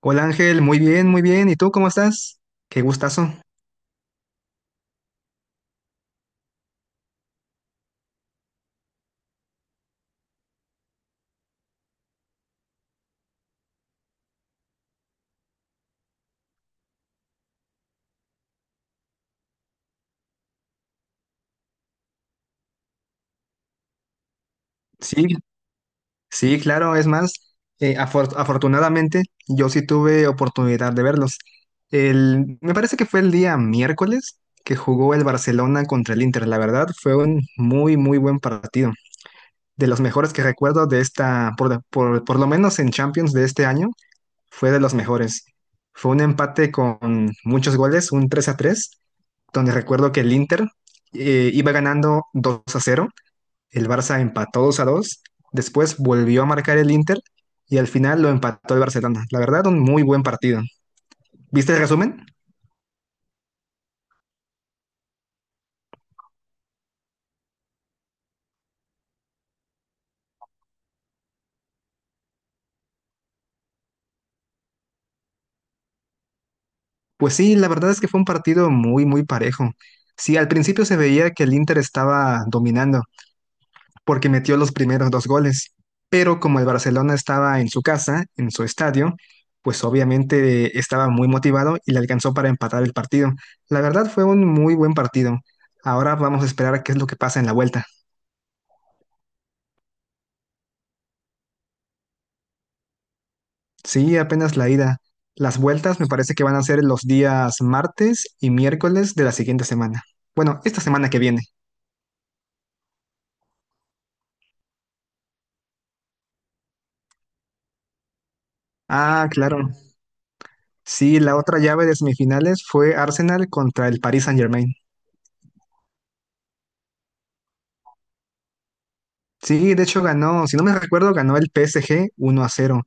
Hola Ángel, muy bien, muy bien. ¿Y tú cómo estás? Qué gustazo. Sí, sí, claro, es más, afortunadamente yo sí tuve oportunidad de verlos. Me parece que fue el día miércoles que jugó el Barcelona contra el Inter. La verdad, fue un muy, muy buen partido. De los mejores que recuerdo de por lo menos en Champions de este año, fue de los mejores. Fue un empate con muchos goles, un 3-3, donde recuerdo que el Inter iba ganando 2-0, el Barça empató 2-2, después volvió a marcar el Inter y al final lo empató el Barcelona. La verdad, un muy buen partido. ¿Viste el resumen? Pues sí, la verdad es que fue un partido muy, muy parejo. Sí, al principio se veía que el Inter estaba dominando, porque metió los primeros dos goles. Pero como el Barcelona estaba en su casa, en su estadio, pues obviamente estaba muy motivado y le alcanzó para empatar el partido. La verdad fue un muy buen partido. Ahora vamos a esperar a qué es lo que pasa en la vuelta. Sí, apenas la ida. Las vueltas me parece que van a ser los días martes y miércoles de la siguiente semana. Bueno, esta semana que viene. Ah, claro. Sí, la otra llave de semifinales fue Arsenal contra el Paris Saint-Germain. Sí, de hecho ganó, si no me recuerdo, ganó el PSG 1-0.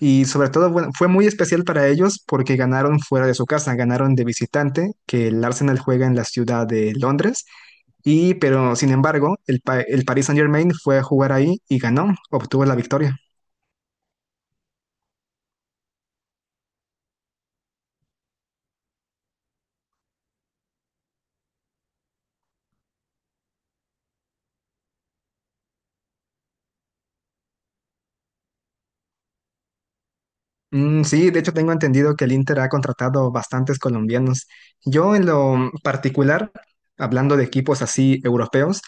Y sobre todo, bueno, fue muy especial para ellos porque ganaron fuera de su casa, ganaron de visitante, que el Arsenal juega en la ciudad de Londres. Y, pero sin embargo, el Paris Saint-Germain fue a jugar ahí y ganó, obtuvo la victoria. Mm, sí, de hecho tengo entendido que el Inter ha contratado bastantes colombianos. Yo en lo particular, hablando de equipos así europeos,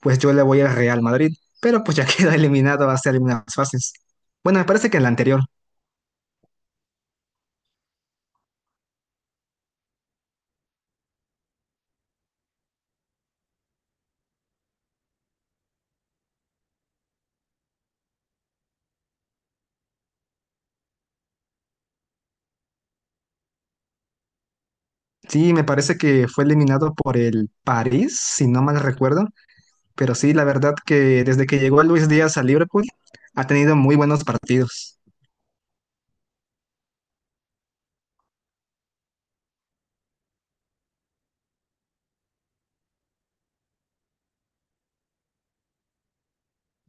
pues yo le voy al Real Madrid, pero pues ya queda eliminado hace algunas fases. Bueno, me parece que en la anterior. Sí, me parece que fue eliminado por el París, si no mal recuerdo. Pero sí, la verdad que desde que llegó Luis Díaz a Liverpool, ha tenido muy buenos partidos.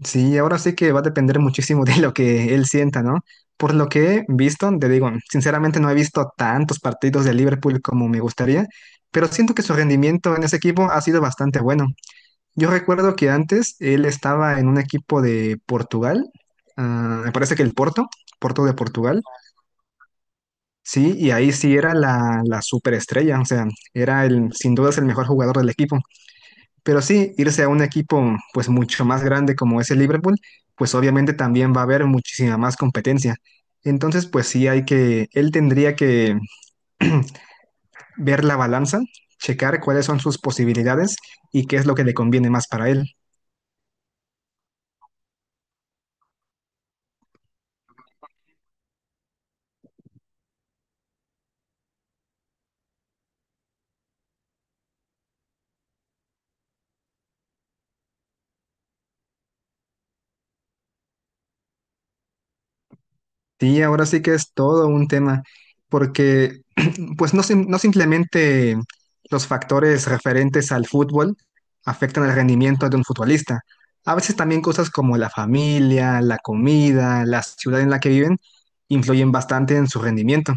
Sí, ahora sí que va a depender muchísimo de lo que él sienta, ¿no? Por lo que he visto, te digo, sinceramente no he visto tantos partidos de Liverpool como me gustaría, pero siento que su rendimiento en ese equipo ha sido bastante bueno. Yo recuerdo que antes él estaba en un equipo de Portugal, ah, me parece que el Porto, Porto de Portugal, sí, y ahí sí era la superestrella, o sea, era sin duda es el mejor jugador del equipo. Pero sí, irse a un equipo pues mucho más grande como es el Liverpool, pues obviamente también va a haber muchísima más competencia. Entonces, pues sí hay que, él tendría que ver la balanza, checar cuáles son sus posibilidades y qué es lo que le conviene más para él. Sí, ahora sí que es todo un tema, porque pues no, no simplemente los factores referentes al fútbol afectan el rendimiento de un futbolista. A veces también cosas como la familia, la comida, la ciudad en la que viven, influyen bastante en su rendimiento.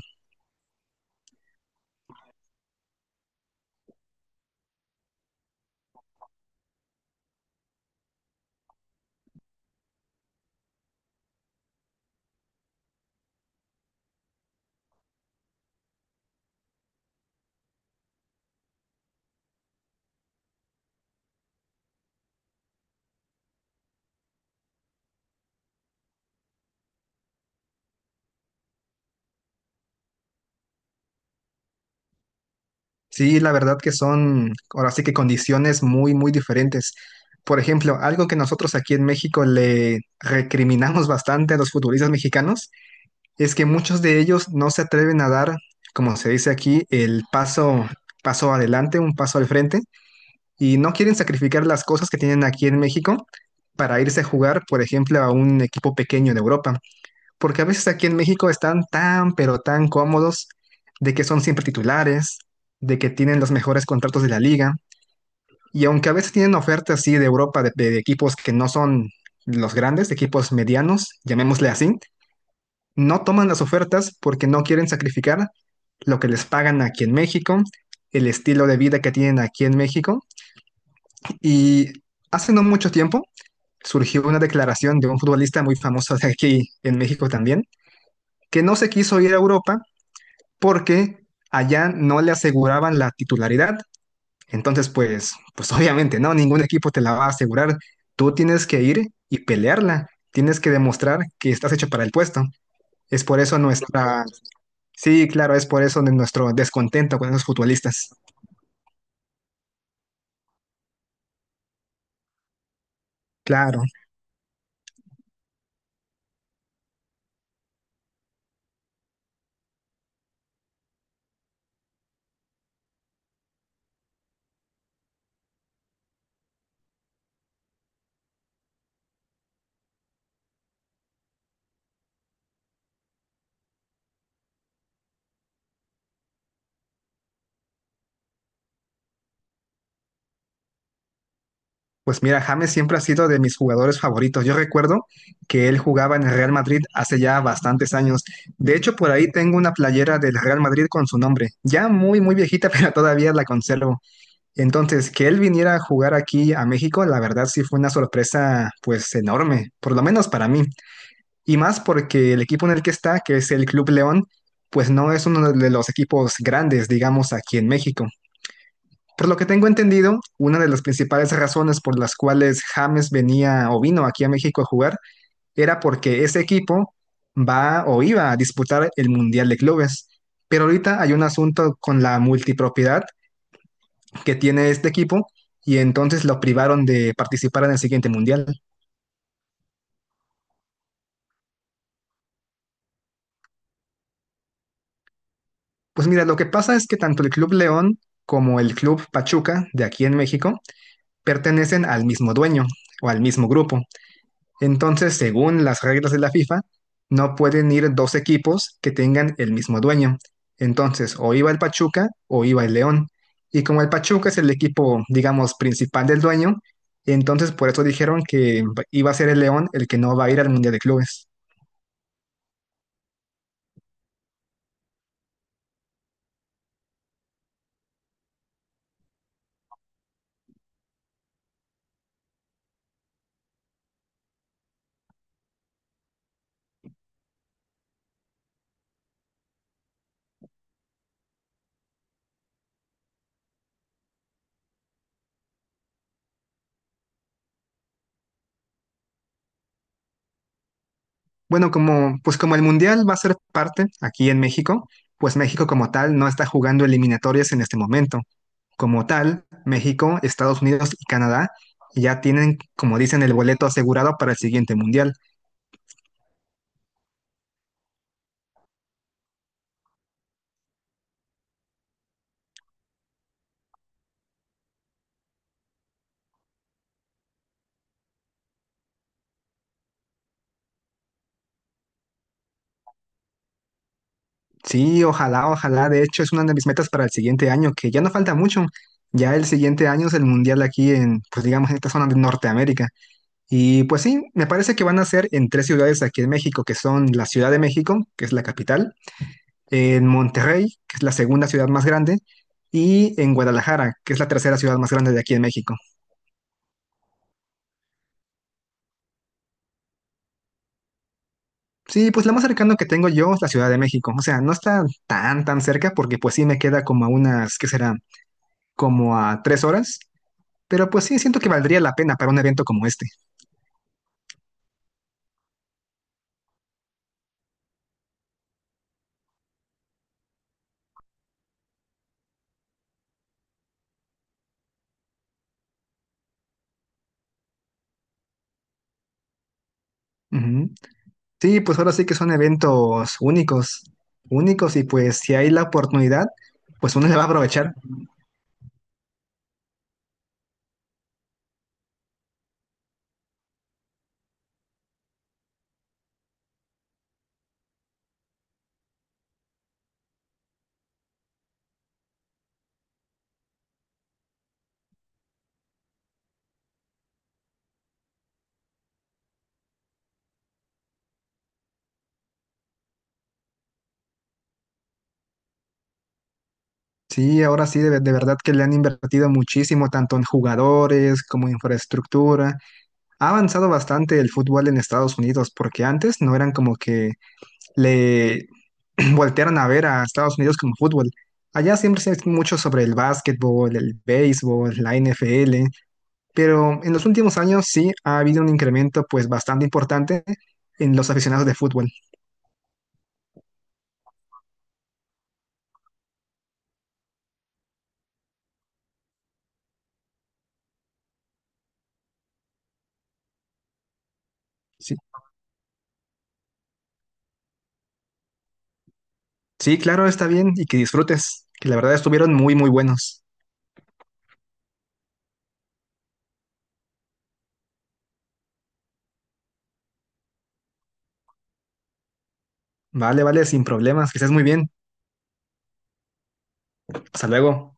Sí, la verdad que son ahora sí que condiciones muy, muy diferentes. Por ejemplo, algo que nosotros aquí en México le recriminamos bastante a los futbolistas mexicanos. Es que muchos de ellos no se atreven a dar, como se dice aquí, el paso, paso adelante, un paso al frente, y no quieren sacrificar las cosas que tienen aquí en México para irse a jugar, por ejemplo, a un equipo pequeño de Europa, porque a veces aquí en México están tan, pero tan cómodos de que son siempre titulares, de que tienen los mejores contratos de la liga, y aunque a veces tienen ofertas así de Europa de equipos que no son los grandes, de equipos medianos, llamémosle así, no toman las ofertas porque no quieren sacrificar lo que les pagan aquí en México, el estilo de vida que tienen aquí en México. Y hace no mucho tiempo surgió una declaración de un futbolista muy famoso de aquí en México también, que no se quiso ir a Europa porque allá no le aseguraban la titularidad. Entonces, pues, pues obviamente, ¿no? Ningún equipo te la va a asegurar. Tú tienes que ir y pelearla. Tienes que demostrar que estás hecho para el puesto. Es por eso nuestra, sí, claro, es por eso de nuestro descontento con esos futbolistas. Claro, pues mira, James siempre ha sido de mis jugadores favoritos. Yo recuerdo que él jugaba en el Real Madrid hace ya bastantes años. De hecho, por ahí tengo una playera del Real Madrid con su nombre, ya muy, muy viejita, pero todavía la conservo. Entonces, que él viniera a jugar aquí a México, la verdad sí fue una sorpresa, pues enorme, por lo menos para mí. Y más porque el equipo en el que está, que es el Club León, pues no es uno de los equipos grandes, digamos, aquí en México. Por lo que tengo entendido, una de las principales razones por las cuales James venía o vino aquí a México a jugar era porque ese equipo va o iba a disputar el Mundial de Clubes. Pero ahorita hay un asunto con la multipropiedad que tiene este equipo y entonces lo privaron de participar en el siguiente Mundial. Pues mira, lo que pasa es que tanto el Club León como el Club Pachuca de aquí en México pertenecen al mismo dueño o al mismo grupo. Entonces, según las reglas de la FIFA, no pueden ir dos equipos que tengan el mismo dueño. Entonces, o iba el Pachuca o iba el León. Y como el Pachuca es el equipo, digamos, principal del dueño, entonces por eso dijeron que iba a ser el León el que no va a ir al Mundial de Clubes. Bueno, como, pues como el Mundial va a ser parte aquí en México, pues México como tal no está jugando eliminatorias en este momento. Como tal, México, Estados Unidos y Canadá ya tienen, como dicen, el boleto asegurado para el siguiente mundial. Sí, ojalá, ojalá. De hecho, es una de mis metas para el siguiente año, que ya no falta mucho. Ya el siguiente año es el mundial aquí en, pues digamos, en esta zona de Norteamérica. Y pues sí, me parece que van a ser en tres ciudades aquí en México, que son la Ciudad de México, que es la capital, en Monterrey, que es la segunda ciudad más grande, y en Guadalajara, que es la tercera ciudad más grande de aquí en México. Sí, pues lo más cercano que tengo yo es la Ciudad de México. O sea, no está tan, tan cerca porque pues sí me queda como a unas, ¿qué será? Como a tres horas. Pero pues sí, siento que valdría la pena para un evento como este. Ujú. Sí, pues ahora sí que son eventos únicos, únicos y pues si hay la oportunidad, pues uno le va a aprovechar. Sí, ahora sí, de verdad que le han invertido muchísimo, tanto en jugadores como infraestructura. Ha avanzado bastante el fútbol en Estados Unidos porque antes no eran como que le voltearon a ver a Estados Unidos como fútbol. Allá siempre se ha mucho sobre el básquetbol, el béisbol, la NFL, pero en los últimos años sí ha habido un incremento pues bastante importante en los aficionados de fútbol. Sí, sí, claro, está bien y que disfrutes, que la verdad estuvieron muy, muy buenos. Vale, vale, sin problemas, que estés muy bien. Hasta luego.